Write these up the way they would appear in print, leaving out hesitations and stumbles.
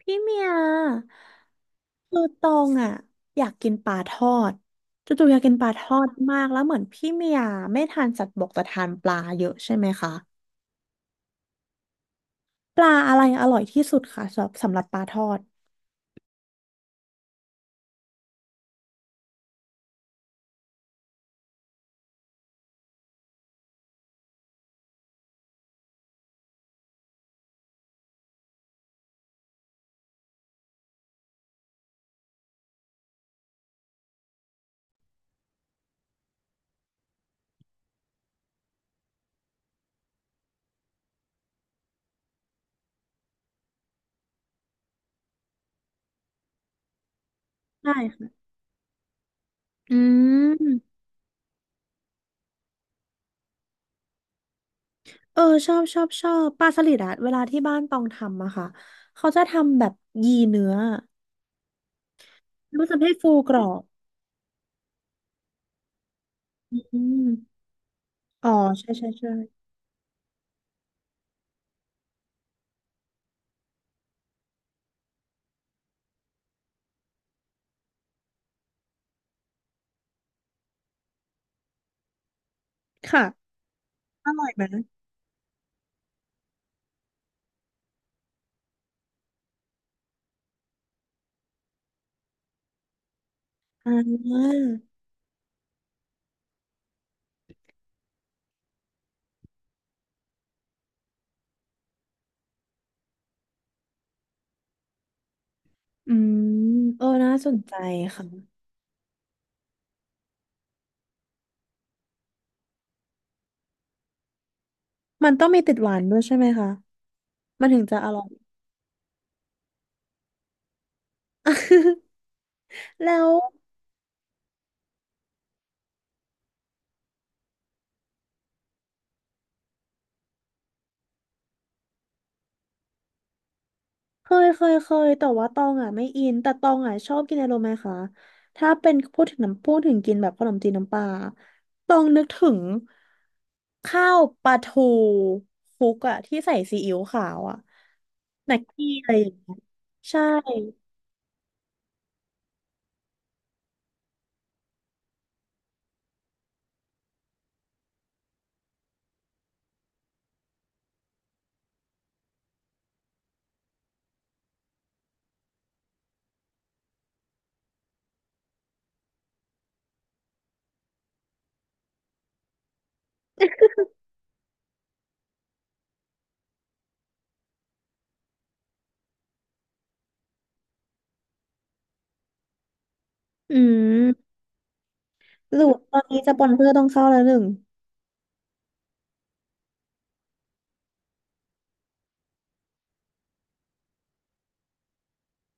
พี่เมียคือตองอ่ะอยากกินปลาทอดจู่ๆอยากกินปลาทอดมากแล้วเหมือนพี่เมียไม่ทานสัตว์บกแต่ทานปลาเยอะใช่ไหมคะปลาอะไรอร่อยที่สุดคะสำหรับปลาทอดใช่ค่ะอืมเออชอบชอบชอบปลาสลิดอะเวลาที่บ้านตองทำอะค่ะเขาจะทำแบบยีเนื้อแล้วมันจะให้ฟูกรอบอืมอ๋อใช่ใช่ใช่ค่ะอร่อยไหมอ่าอืมเออน่าสนใจค่ะ มันต้องมีติดหวานด้วยใช่ไหมคะ มันถึงจะอร่อย แล้วเคยเคยเคยแต่ว่าตองอ่ะไม่อินแต่ตองอ่ะชอบกินอะไรรู้ไหมคะ ถ้าเป็นพูดถึงน้ำพูดถึงกินแบบขนมจีนน้ำปลาตองนึกถึงข้าวปลาทูคลุกอ่ะที่ใส่ซีอิ๊วขาวอ่ะแม็กกี้อะไรอย่างเงี้ยใช่ อืมหรือตอนนี้สปอนเซอร์ต้องเข้าแล้วหนึ่ง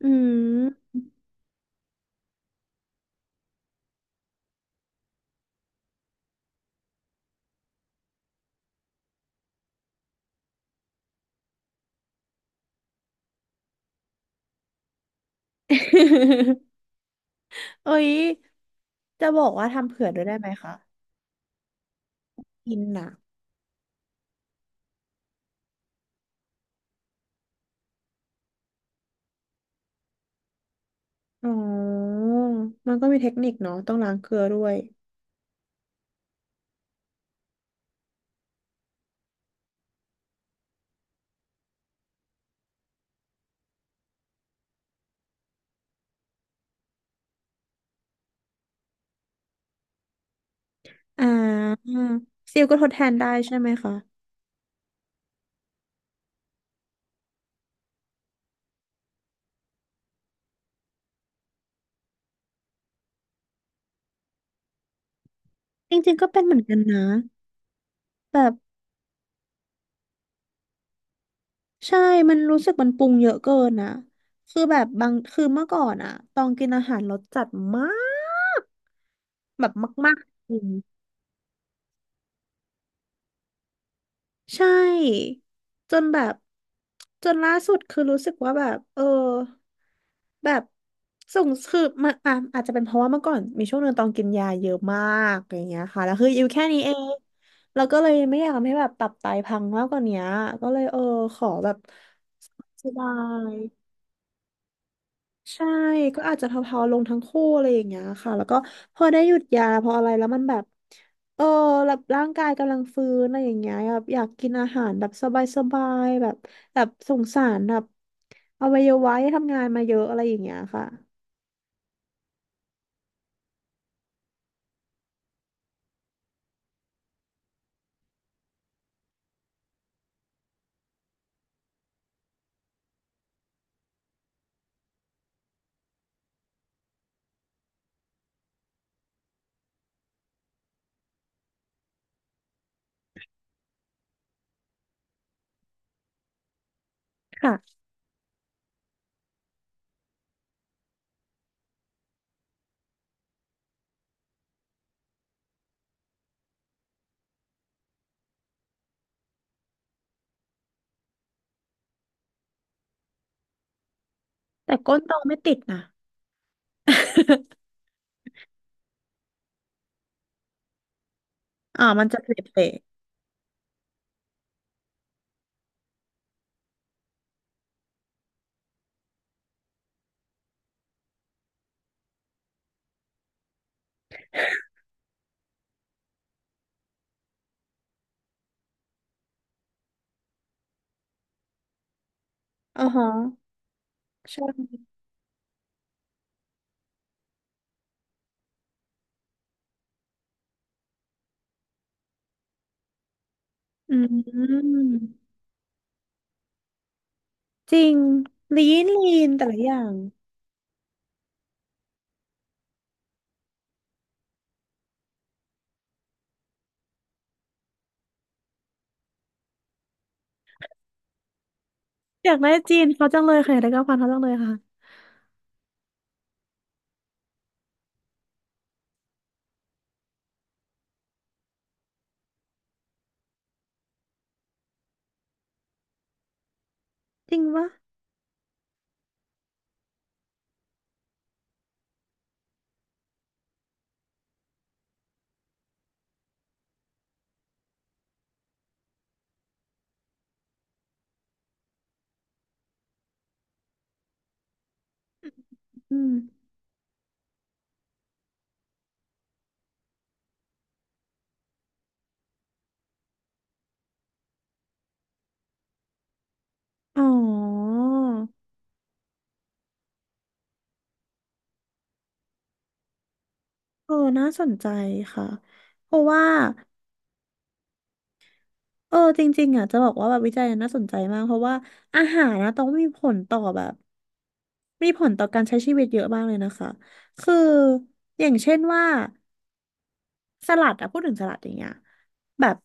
อืม เอ้ยจะบอกว่าทำเผื่อด้วยได้ไหมคะอินนะ อ๋อ มันก็มีเทคนิคเนาะต้องล้างเกลือด้วย อ่าซิลก็ทดแทนได้ใช่ไหมคะ จริงๆก็เป็นเหมือนกันนะ แบบ ใช่ มันรู้สึกมันปรุงเยอะเกินนะคือแบบบางคือเมื่อก่อนอะต้องกินอาหารรสจัดมาก แบบมากๆจริง ใช่จนแบบจนล่าสุดคือรู้สึกว่าแบบเออแบบส่งคือมาอ่ะอาจจะเป็นเพราะว่าเมื่อก่อนมีช่วงหนึ่งต้องกินยาเยอะมากอย่างเงี้ยค่ะแล้วคืออยู่แค่นี้เองแล้วก็เลยไม่อยากทำให้แบบตับไตพังมากกว่านี้ก็เลยเออขอแบบสบาย ใช่ก็อาจจะเพาๆลงทั้งคู่อะไรอย่างเงี้ยค่ะแล้วก็พอได้หยุดยาพออะไรแล้วมันแบบเออแบบร่างกายกำลังฟื้นอะไรอย่างเงี้ยแบบอยากกินอาหารแบบสบายๆแบบแบบสงสารแบบอวัยวะที่ทำงานมาเยอะอะไรอย่างเงี้ยค่ะค่ะ แต่ก้นโตไม่ติดนะ อ่ามันจะเละๆอ๋อฮะใช่อืมจริงลีนลีนแต่ละอย่าง อยากได้จีนเขาจังเลยค่ะอยากได้กะเพราเขาจังเลยค่ะ จริงปะ อืมอ๋อเออน่าสนใจค่ะเพราะว่าเออจริงๆอ่ะจะบอกว่าแบบวิจัยน่าสนใจมาก เพราะว่าอาหารนะต้องมีผลต่อแบบมีผลต่อการใช้ชีวิตเยอะมากเลยนะคะคืออย่างเช่นว่าสลัดอะพูดถึงสลัดอย่างเงี้ยแบบ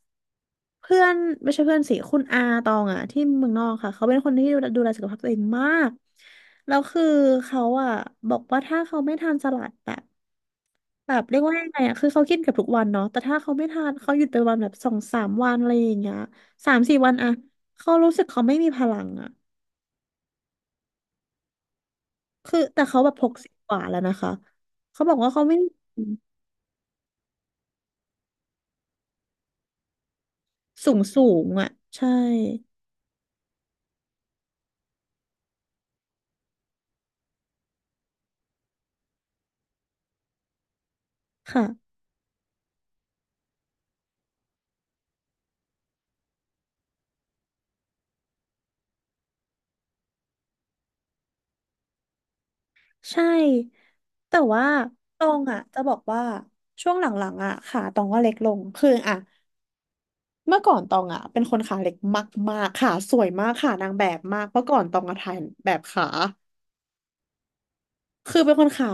เพื่อนไม่ใช่เพื่อนสิคุณอาตองอะที่เมืองนอกค่ะเขาเป็นคนที่ดูแลสุขภาพตัวเองมาก แล้วคือเขาอะบอกว่าถ้าเขาไม่ทานสลัดอะ แบบเรียกว่ายังไงอ่ะคือเขากินเกับทุกวันเนาะแต่ถ้าเขาไม่ทานเขาหยุดไปวันแบบสองสามวันอะไรอย่างเงี้ยสามสี่วันอะเขารู้สึกเขาไม่มีพลังอะคือแต่เขาแบบหกสิบกว่าแล้วนะคะ เขาบอกว่าเขาไม่สูงสูงอะใช่ค่ะใช่ แต่ว่าตองอะจะบอกว่าช่วงหลังๆอะขาตองก็เล็กลง คืออะเมื่อก่อนตองอะเป็นคนขาเล็กมากๆขาสวยมากขานางแบบมากเมื่อก่อนตองอะถ่ายแบบขา คือเป็นคนขา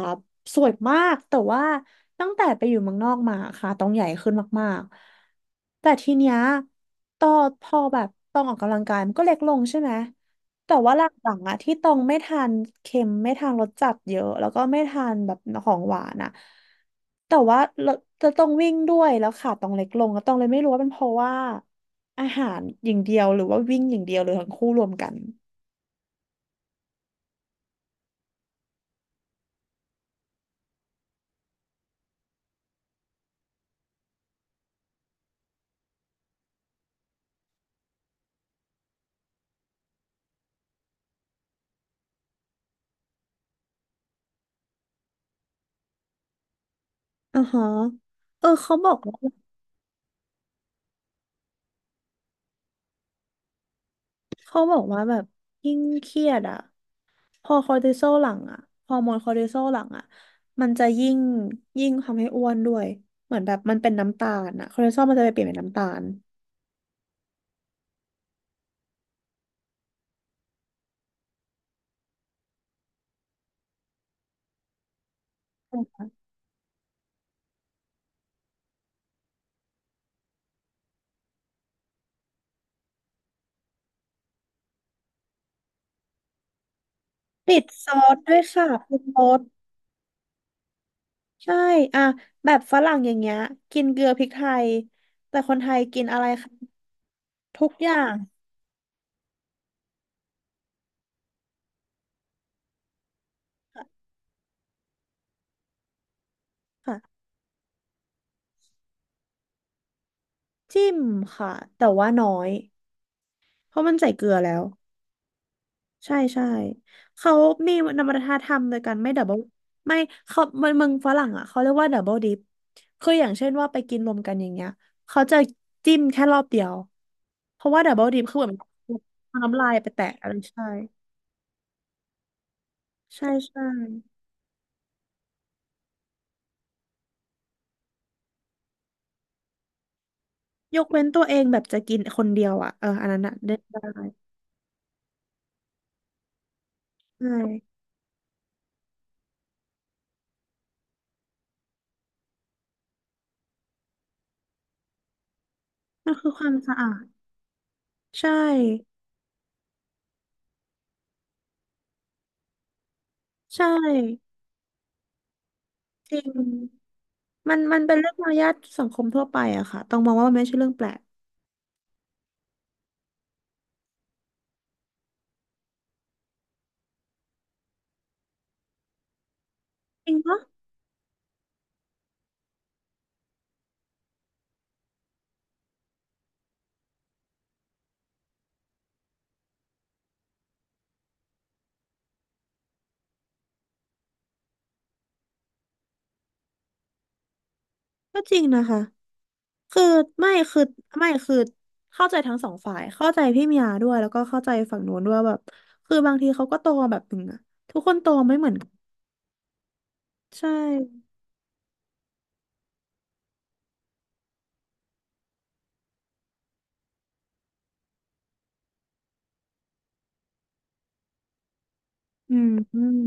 สวยมากแต่ว่าตั้งแต่ไปอยู่เมืองนอกมาขาต้องใหญ่ขึ้นมากๆแต่ทีเนี้ยตอพอแบบต้องออกกำลังกายมันก็เล็กลงใช่ไหมแต่ว่าหลังๆอะที่ต้องไม่ทานเค็มไม่ทานรสจัดเยอะแล้วก็ไม่ทานแบบของหวานอะแต่ว่าเราจะต้องวิ่งด้วยแล้วขาต้องเล็กลงก็ต้องเลยไม่รู้ว่าเป็นเพราะว่าอาหารอย่างเดียวหรือว่าวิ่งอย่างเดียวหรือทั้งคู่รวมกันอ่าฮะเออเขาบอกว่า เขาบอกว่าแบบยิ่งเครียดอ่ะพอคอร์ติซอลหลังอ่ะฮอร์โมนคอร์ติซอลหลังอ่ะมันจะยิ่งทำให้อ้วนด้วยเหมือนแบบมันเป็นน้ำตาลอ่ะคอร์ติซอลมันจะไปเปลี่ยนเป็นน้ำตาลติดซอสด้วยค่ะปรุงรสใช่อ่ะแบบฝรั่งอย่างเงี้ยกินเกลือพริกไทยแต่คนไทยกินอะไรคะทุกอย่างค่ะจิ้มค่ะแต่ว่าน้อยเพราะมันใส่เกลือแล้ว ใช่ใช่เขามีนวัฒนธรรมโดยการไม่ดับเบิลไม่เขามันเมืองฝรั่งอ่ะเขาเรียกว่าดับเบิลดิปคืออย่างเช่นว่าไปกินรวมกันอย่างเงี้ยเขาจะจิ้มแค่รอบเดียวเพราะว่าดับเบิลดิปคือเหมือนเอาน้ำลายไปแตะอะไรใช่ใช่ใช่ยกเว้นตัวเองแบบจะกินคนเดียวอ่ะเอออันนั้นอ่ะได้ได้ใช่มันคือความสะอาดใช่ใช่จริงมันมันเป็นเรื่องมารยาทสังคมทั่วไปอะค่ะต้องมองว่ามันไม่ใช่เรื่องแปลกจริงปะ ก็จริงนะคะคือไม่คือคือเข้าใจทั้งสองฝ่ายเข้าใจพี่มียาด้วยแล้วก็เข้าใจฝั่งนู้นด้วยแบบคือบางทีเขาก็โตมาแบบหนึ่งอะทุกคนโตไม่เหมือนกันใช่อืมอืม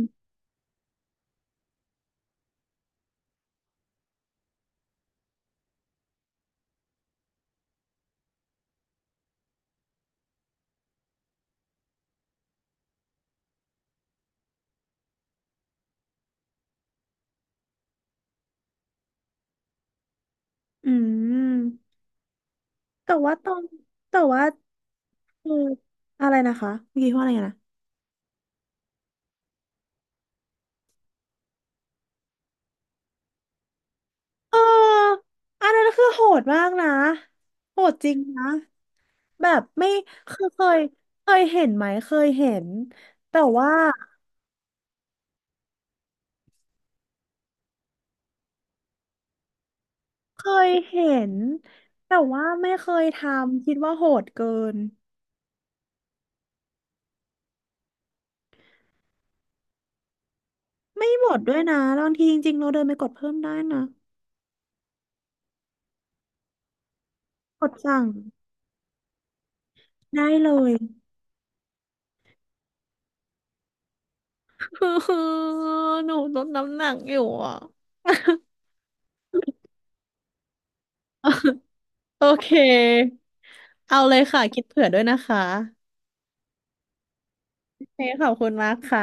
อืมแต่ว่าตอนแต่ว่าคืออะไรนะคะเมื่อกี้ว่าอะไรนะเอออันนั้นคือโหดมากนะโหดจริงนะแบบไม่คือเคยเคยเห็นไหมเคยเห็นแต่ว่า เคยเห็นแต่ว่าไม่เคยทำคิดว่าโหดเกินไม่หมดด้วยนะบางทีจริงๆเราเดินไปกดเพิ่มได้นะกดสั่งได้เลย คือหนูลดน้ำหนักอยู่อ่ะ โอเคเอาเลยค่ะคิดเผื่อด้วยนะคะโอเคขอบคุณมากค่ะ